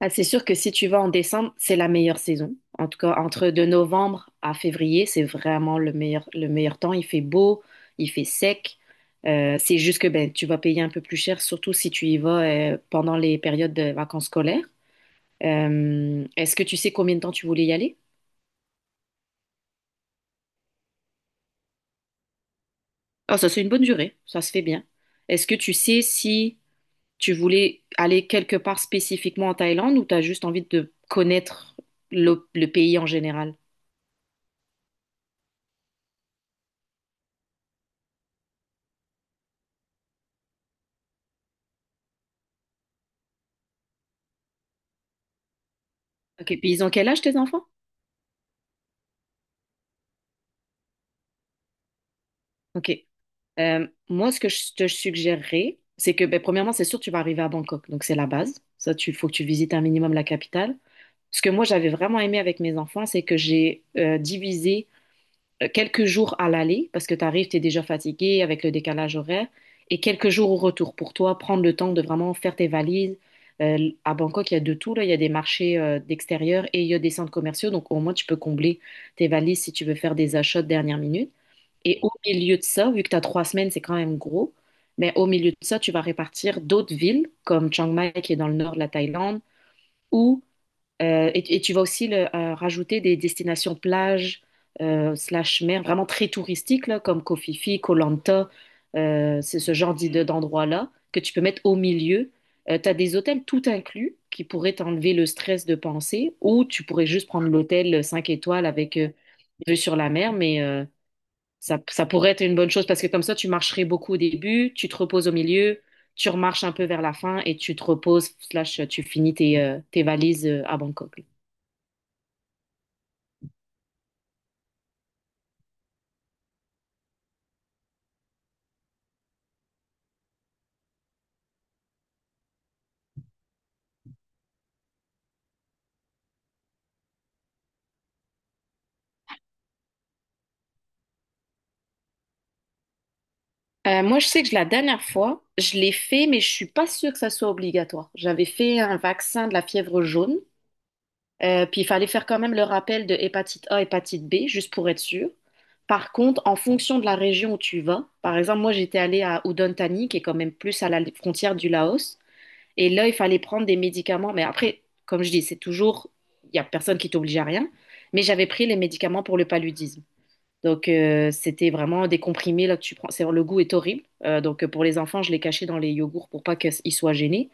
Ah, c'est sûr que si tu vas en décembre, c'est la meilleure saison. En tout cas, entre de novembre à février, c'est vraiment le meilleur temps. Il fait beau, il fait sec. C'est juste que ben, tu vas payer un peu plus cher, surtout si tu y vas pendant les périodes de vacances scolaires. Est-ce que tu sais combien de temps tu voulais y aller? Ah, ça, c'est une bonne durée. Ça se fait bien. Est-ce que tu sais si tu voulais aller quelque part spécifiquement en Thaïlande ou tu as juste envie de connaître le pays en général? Ok, puis ils ont quel âge tes enfants? Ok. Moi, ce que je te suggérerais, c'est que, ben, premièrement, c'est sûr, tu vas arriver à Bangkok, donc c'est la base. Ça, tu faut que tu visites un minimum la capitale. Ce que moi, j'avais vraiment aimé avec mes enfants, c'est que j'ai divisé quelques jours à l'aller, parce que tu arrives, tu es déjà fatigué avec le décalage horaire, et quelques jours au retour pour toi, prendre le temps de vraiment faire tes valises. À Bangkok, il y a de tout, là. Il y a des marchés d'extérieur et il y a des centres commerciaux, donc au moins, tu peux combler tes valises si tu veux faire des achats de dernière minute. Et au milieu de ça, vu que tu as 3 semaines, c'est quand même gros, mais au milieu de ça, tu vas répartir d'autres villes, comme Chiang Mai, qui est dans le nord de la Thaïlande, ou, et tu vas aussi rajouter des destinations plages, slash mer, vraiment très touristiques, là, comme Koh Phi Phi, Koh Lanta, c'est ce genre d'endroits-là que tu peux mettre au milieu. Tu as des hôtels tout inclus qui pourraient t'enlever le stress de penser, ou tu pourrais juste prendre l'hôtel 5 étoiles avec... vue sur la mer, mais ça, ça pourrait être une bonne chose parce que comme ça, tu marcherais beaucoup au début, tu te reposes au milieu, tu remarches un peu vers la fin et tu te reposes, slash, tu finis tes, tes valises à Bangkok. Moi, je sais que la dernière fois, je l'ai fait, mais je suis pas sûre que ça soit obligatoire. J'avais fait un vaccin de la fièvre jaune, puis il fallait faire quand même le rappel de hépatite A, hépatite B, juste pour être sûr. Par contre, en fonction de la région où tu vas, par exemple, moi, j'étais allée à Udon Thani, qui est quand même plus à la frontière du Laos. Et là, il fallait prendre des médicaments. Mais après, comme je dis, c'est toujours, il n'y a personne qui t'oblige à rien. Mais j'avais pris les médicaments pour le paludisme. Donc, c'était vraiment des comprimés là, que tu prends. C'est, le goût est horrible. Donc, pour les enfants, je les cachais dans les yogourts pour pas qu'ils soient gênés.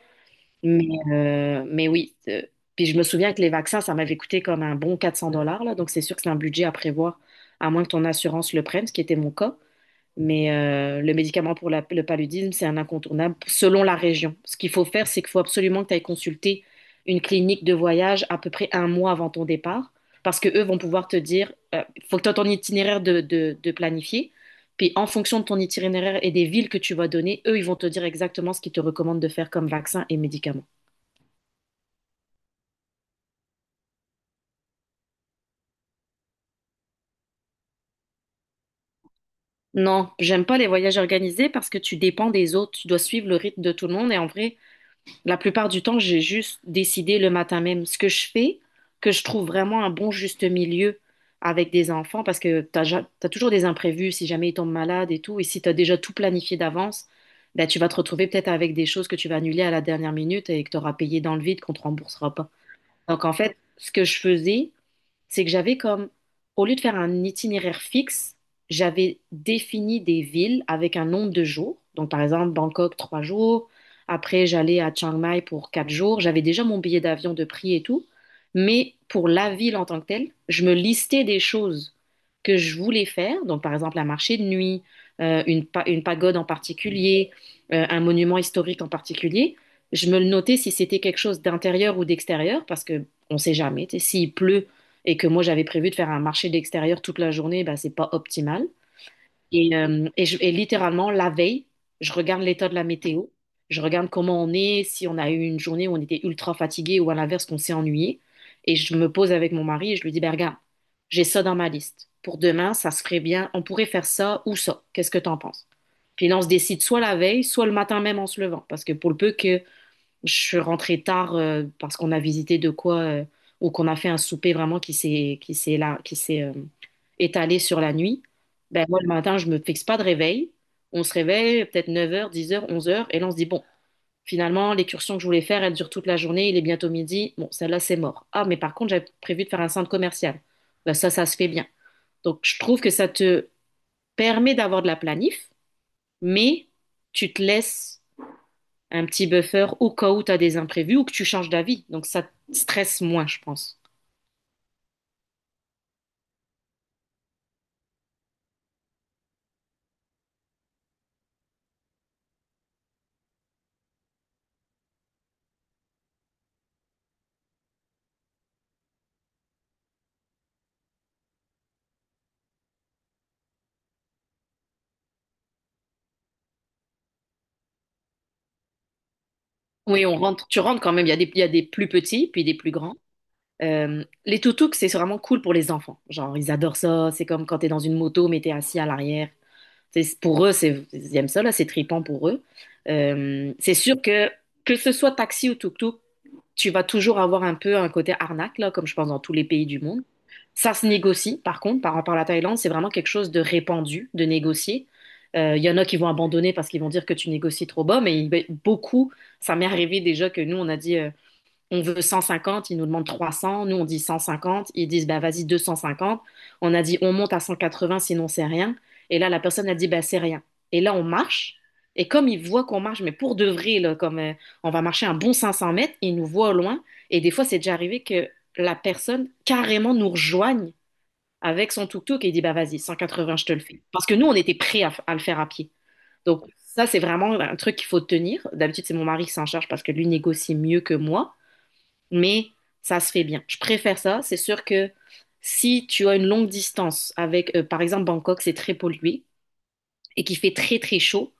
Mais, mais oui. Puis, je me souviens que les vaccins, ça m'avait coûté comme un bon 400 dollars. Là, donc, c'est sûr que c'est un budget à prévoir, à moins que ton assurance le prenne, ce qui était mon cas. Mais le médicament pour le paludisme, c'est un incontournable selon la région. Ce qu'il faut faire, c'est qu'il faut absolument que tu ailles consulter une clinique de voyage à peu près 1 mois avant ton départ, parce que eux vont pouvoir te dire, faut que tu aies ton itinéraire de planifier. Puis en fonction de ton itinéraire et des villes que tu vas donner, eux, ils vont te dire exactement ce qu'ils te recommandent de faire comme vaccin et médicaments. Non, j'aime pas les voyages organisés parce que tu dépends des autres, tu dois suivre le rythme de tout le monde et en vrai, la plupart du temps, j'ai juste décidé le matin même ce que je fais, que je trouve vraiment un bon juste milieu avec des enfants parce que t'as, t'as toujours des imprévus si jamais ils tombent malades et tout. Et si t'as déjà tout planifié d'avance, ben, tu vas te retrouver peut-être avec des choses que tu vas annuler à la dernière minute et que t'auras payé dans le vide qu'on te remboursera pas. Donc en fait, ce que je faisais, c'est que j'avais comme, au lieu de faire un itinéraire fixe, j'avais défini des villes avec un nombre de jours. Donc, par exemple, Bangkok, 3 jours. Après, j'allais à Chiang Mai pour 4 jours. J'avais déjà mon billet d'avion de prix et tout. Mais pour la ville en tant que telle, je me listais des choses que je voulais faire. Donc, par exemple, un marché de nuit, une pagode en particulier, un monument historique en particulier. Je me le notais si c'était quelque chose d'intérieur ou d'extérieur, parce que on sait jamais. Tu sais, s'il pleut, et que moi j'avais prévu de faire un marché d'extérieur toute la journée, ben c'est pas optimal. Et littéralement, la veille, je regarde l'état de la météo, je regarde comment on est, si on a eu une journée où on était ultra fatigué ou à l'inverse qu'on s'est ennuyé. Et je me pose avec mon mari et je lui dis, ben regarde, j'ai ça dans ma liste. Pour demain, ça serait bien, on pourrait faire ça ou ça. Qu'est-ce que t'en penses? Puis là, on se décide soit la veille, soit le matin même en se levant. Parce que pour le peu que je suis rentrée tard parce qu'on a visité de quoi ou qu'on a fait un souper vraiment qui s'est étalé sur la nuit. Ben moi le matin, je me fixe pas de réveil. On se réveille peut-être 9 heures, 10 heures, 11 heures et là on se dit bon, finalement l'excursion que je voulais faire, elle dure toute la journée, il est bientôt midi. Bon, celle-là c'est mort. Ah mais par contre, j'avais prévu de faire un centre commercial. Ben ça ça se fait bien. Donc je trouve que ça te permet d'avoir de la planif, mais tu te laisses un petit buffer au cas où tu as des imprévus ou que tu changes d'avis. Donc ça te stresse moins, je pense. Oui, on rentre, tu rentres quand même. Il y a des plus petits, puis des plus grands. Les toutouks, c'est vraiment cool pour les enfants. Genre, ils adorent ça. C'est comme quand tu es dans une moto, mais t'es assis à l'arrière. C'est- pour eux, c'est, ils aiment ça, là, c'est trippant pour eux. C'est sûr que ce soit taxi ou tuk-tuk, tu vas toujours avoir un peu un côté arnaque, là, comme je pense dans tous les pays du monde. Ça se négocie, par contre, par rapport à la Thaïlande, c'est vraiment quelque chose de répandu, de négocier. Il y en a qui vont abandonner parce qu'ils vont dire que tu négocies trop bas, mais ben, beaucoup, ça m'est arrivé déjà que nous, on a dit, on veut 150, ils nous demandent 300, nous on dit 150, ils disent bah vas-y 250. On a dit on monte à 180 sinon c'est rien. Et là la personne a dit bah c'est rien. Et là on marche et comme ils voient qu'on marche mais pour de vrai là, comme on va marcher un bon 500 mètres, ils nous voient au loin et des fois c'est déjà arrivé que la personne carrément nous rejoigne avec son tuk-tuk et il dit bah vas-y 180 je te le fais. Parce que nous on était prêts à, à le faire à pied. Donc ça c'est vraiment un truc qu'il faut tenir. D'habitude c'est mon mari qui s'en charge parce que lui négocie mieux que moi mais ça se fait bien. Je préfère ça. C'est sûr que si tu as une longue distance avec, par exemple, Bangkok, c'est très pollué et qu'il fait très très chaud,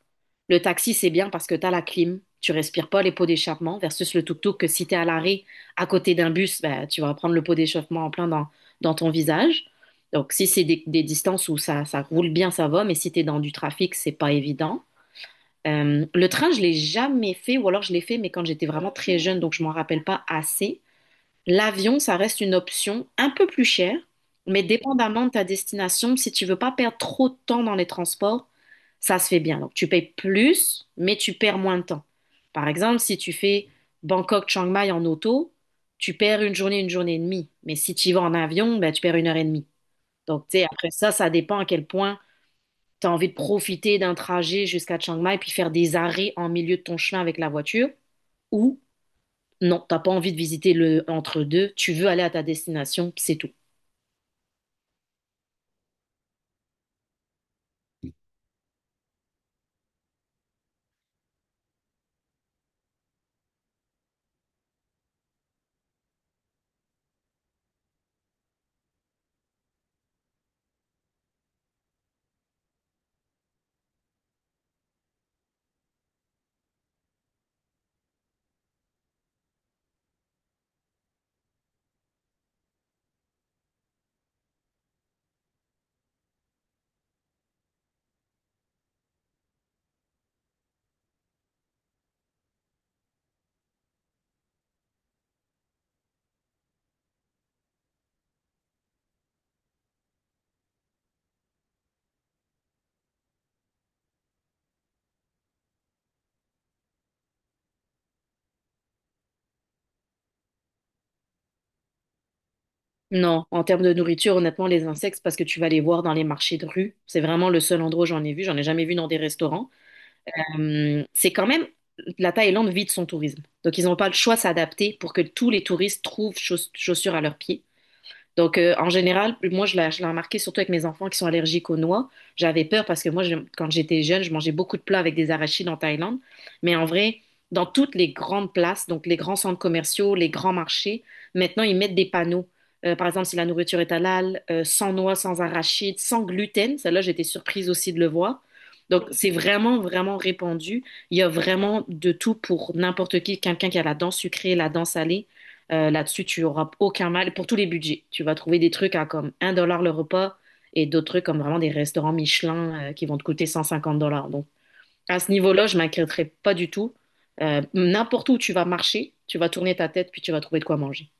le taxi, c'est bien parce que tu as la clim, tu respires pas les pots d'échappement versus le tuk-tuk que si tu es à l'arrêt à côté d'un bus, ben tu vas prendre le pot d'échauffement en plein dans ton visage. Donc, si c'est des distances où ça roule bien, ça va, mais si tu es dans du trafic, c'est pas évident. Le train, je l'ai jamais fait, ou alors je l'ai fait, mais quand j'étais vraiment très jeune, donc je m'en rappelle pas assez. L'avion, ça reste une option un peu plus chère, mais dépendamment de ta destination, si tu veux pas perdre trop de temps dans les transports, ça se fait bien. Donc tu payes plus, mais tu perds moins de temps. Par exemple, si tu fais Bangkok-Chiang Mai en auto, tu perds une journée et demie. Mais si tu y vas en avion, ben, tu perds une heure et demie. Donc tu sais, après ça, ça dépend à quel point tu as envie de profiter d'un trajet jusqu'à Chiang Mai, puis faire des arrêts en milieu de ton chemin avec la voiture, ou non, t'as pas envie de visiter le entre-deux, tu veux aller à ta destination, puis c'est tout. Non, en termes de nourriture, honnêtement, les insectes, parce que tu vas les voir dans les marchés de rue, c'est vraiment le seul endroit où j'en ai vu, j'en ai jamais vu dans des restaurants. C'est quand même, la Thaïlande vit de son tourisme. Donc ils n'ont pas le choix de s'adapter pour que tous les touristes trouvent chaussures à leurs pieds. Donc, en général, moi, je l'ai remarqué surtout avec mes enfants qui sont allergiques aux noix. J'avais peur parce que moi, quand j'étais jeune, je mangeais beaucoup de plats avec des arachides en Thaïlande. Mais en vrai, dans toutes les grandes places, donc les grands centres commerciaux, les grands marchés, maintenant, ils mettent des panneaux. Par exemple, si la nourriture est halal, sans noix, sans arachides, sans gluten. Celle-là, j'étais surprise aussi de le voir. Donc, c'est vraiment, vraiment répandu. Il y a vraiment de tout pour n'importe qui, quelqu'un qui a la dent sucrée, la dent salée. Là-dessus, tu auras aucun mal pour tous les budgets. Tu vas trouver des trucs à comme un dollar le repas et d'autres trucs comme vraiment des restaurants Michelin qui vont te coûter 150 dollars. Donc, à ce niveau-là, je m'inquiéterais pas du tout. N'importe où tu vas marcher, tu vas tourner ta tête puis tu vas trouver de quoi manger.